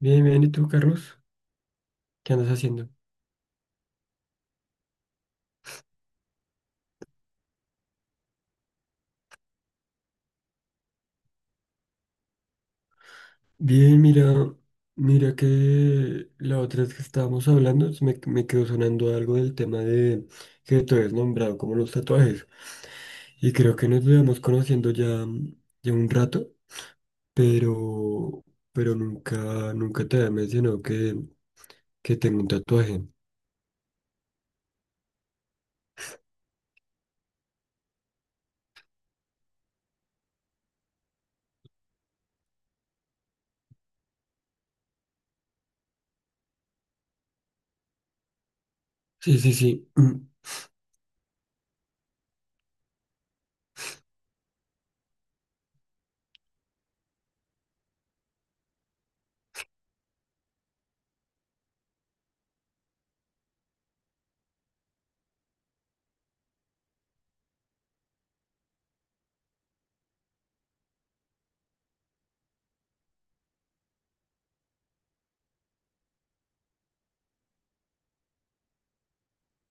Bien, bien, ¿y tú, Carlos? ¿Qué andas haciendo? Bien, mira, mira que la otra vez que estábamos hablando se me quedó sonando algo del tema de que tú habías nombrado como los tatuajes. Y creo que nos llevamos conociendo ya, ya un rato, pero, pero nunca te había mencionado que tengo un tatuaje. Sí, sí, sí.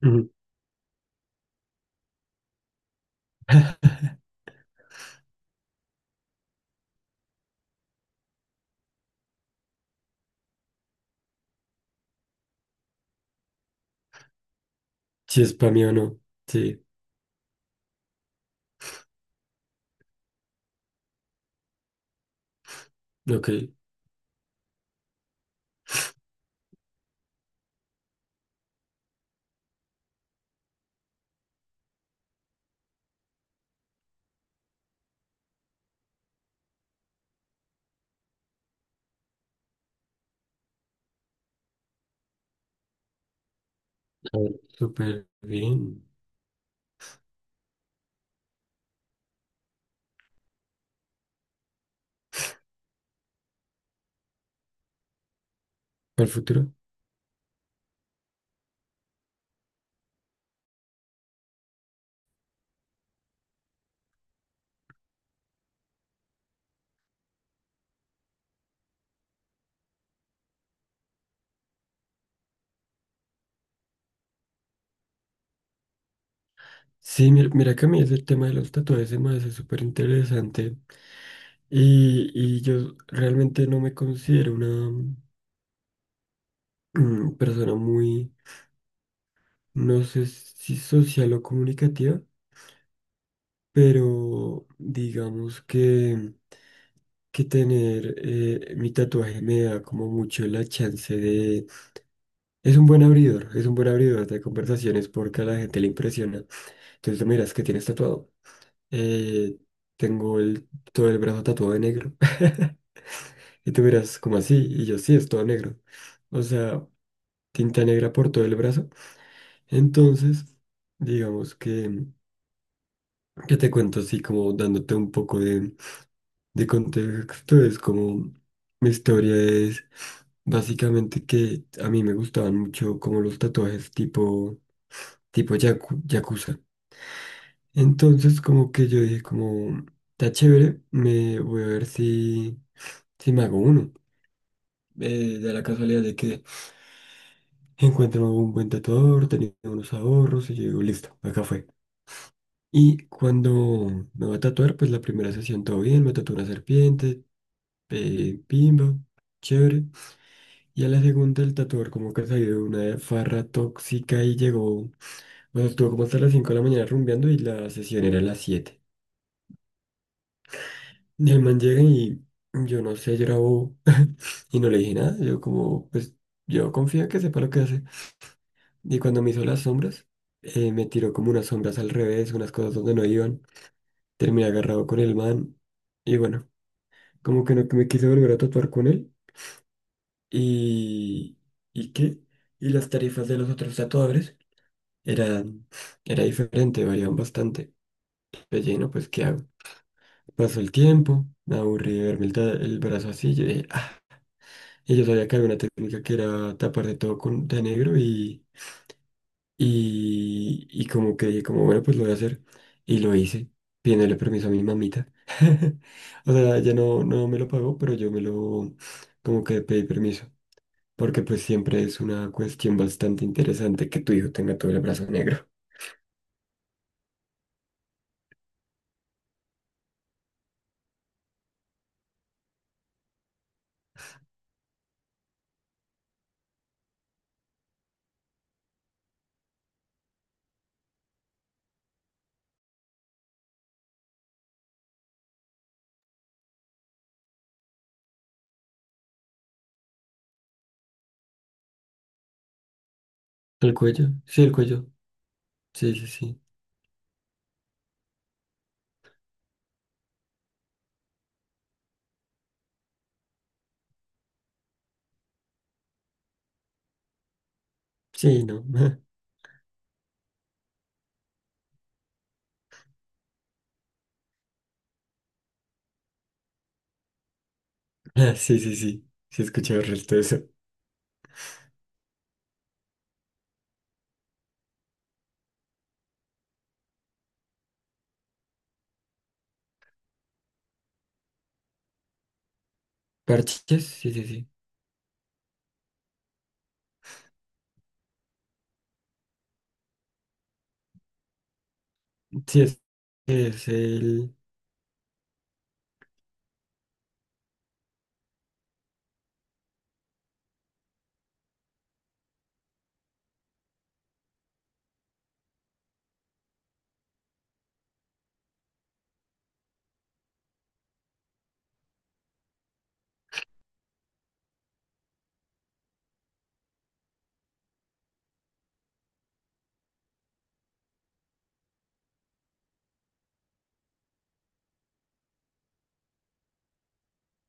Si es para mí o no. Sí, ok. A ver, súper bien. ¿Para el futuro? Sí, mira, mira que a mí es el tema de los tatuajes se me hace súper interesante y, y yo realmente no me considero una persona muy, no sé si social o comunicativa, pero digamos que tener mi tatuaje me da como mucho la chance de... Es un buen abridor, es un buen abridor de conversaciones porque a la gente le impresiona. Entonces tú miras que tienes tatuado. Eh, tengo el, todo el brazo tatuado de negro. Y tú miras como así, y yo sí, es todo negro. O sea, tinta negra por todo el brazo. Entonces, digamos que te cuento así como dándote un poco de contexto. Es como mi historia es básicamente que a mí me gustaban mucho como los tatuajes tipo, yakuza. Entonces, como que yo dije como, está chévere, me voy a ver si, si me hago uno. De la casualidad de que encuentro un buen tatuador, tenía unos ahorros y yo digo, listo, acá fue. Y cuando me va a tatuar, pues la primera sesión todo bien, me tatuó una serpiente, pimba, chévere. Y a la segunda el tatuador como que salió de una farra tóxica y llegó, o estuvo como hasta las 5 de la mañana rumbeando y la sesión era a las 7. Y el man llega y yo no sé, yo y no le dije nada, yo como, pues yo confío en que sepa lo que hace. Y cuando me hizo las sombras, me tiró como unas sombras al revés, unas cosas donde no iban. Terminé agarrado con el man. Y bueno, como que no me quise volver a tatuar con él. Y... ¿Y qué? Y las tarifas de los otros tatuadores eran... Era diferente, variaban bastante. Pues lleno, pues ¿qué hago? Pasó el tiempo, me aburrí de verme el brazo así. Yo dije, "Ah". Y yo sabía que había una técnica que era tapar de todo con, de negro y... Y como que dije, como bueno, pues lo voy a hacer. Y lo hice, pidiéndole permiso a mi mamita. O sea, ella no, no me lo pagó, pero yo me lo, como que pedí permiso. Porque pues siempre es una cuestión bastante interesante que tu hijo tenga todo el brazo negro. ¿El cuello? Sí, el cuello. Sí, sí, sí. Sí, no. Ah, sí, sí, sí. Sí, he escuchado el resto de eso. ¿Parches? Sí, sí, sí. Sí, es el,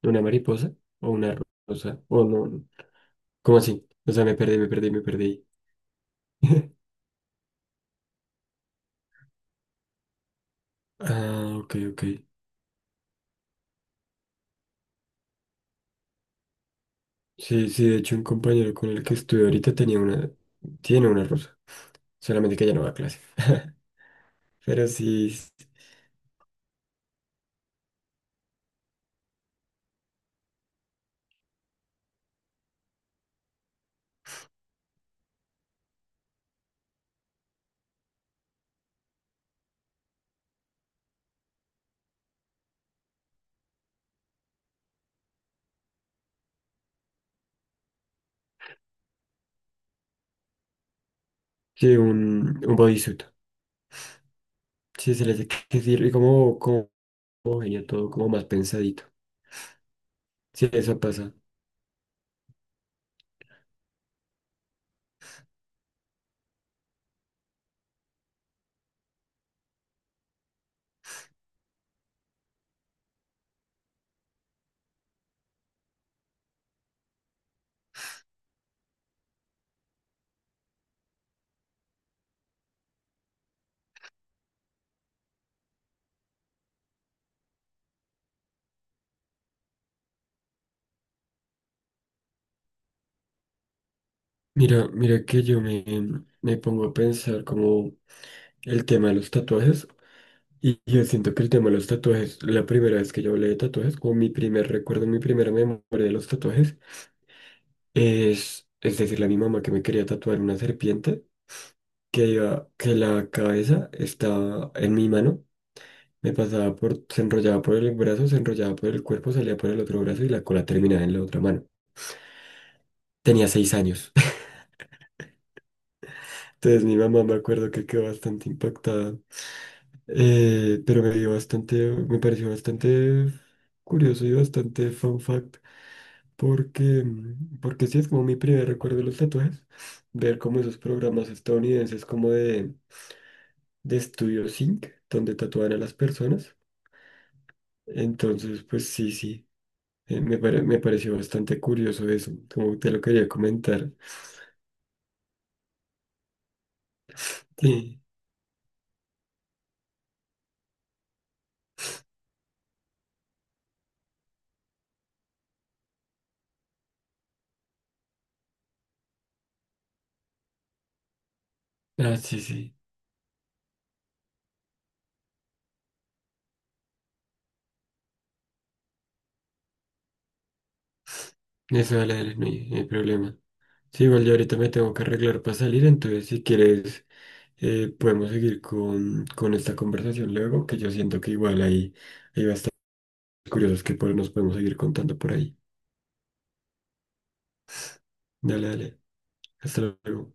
una mariposa o una rosa. O no. ¿Cómo así? O sea, me perdí, me perdí, me perdí. Ah, ok, ok. Sí, sí, de hecho un compañero con el que estuve ahorita tenía una, tiene una rusa, solamente que ya no va a clase. Pero sí, sí, un bodysuit. Sí, se le hace que sí, y como, como homogéneo todo, como más pensadito. Sí, eso pasa. Mira, mira que yo me, me pongo a pensar como el tema de los tatuajes. Y yo siento que el tema de los tatuajes, la primera vez que yo hablé de tatuajes, como mi primer recuerdo, mi primera memoria de los tatuajes, es decirle a mi mamá que me quería tatuar una serpiente, que iba, que la cabeza estaba en mi mano, me pasaba por, se enrollaba por el brazo, se enrollaba por el cuerpo, salía por el otro brazo y la cola terminaba en la otra mano. Tenía 6 años. Entonces mi mamá me acuerdo que quedó bastante impactada, pero me dio bastante, me pareció bastante curioso y bastante fun fact. Porque, porque sí es como mi primer recuerdo de los tatuajes, ver como esos programas estadounidenses como de Studio Sync, donde tatúan a las personas. Entonces, pues sí, sí, me, me pareció bastante curioso eso, como te lo quería comentar. Sí, ah, sí, sí, eso dale, dale, no hay, no hay problema. Sí, igual yo ahorita me tengo que arreglar para salir, entonces si quieres podemos seguir con esta conversación luego, que yo siento que igual ahí... iba curiosas nos podemos seguir contando por ahí. Dale, dale. Hasta luego.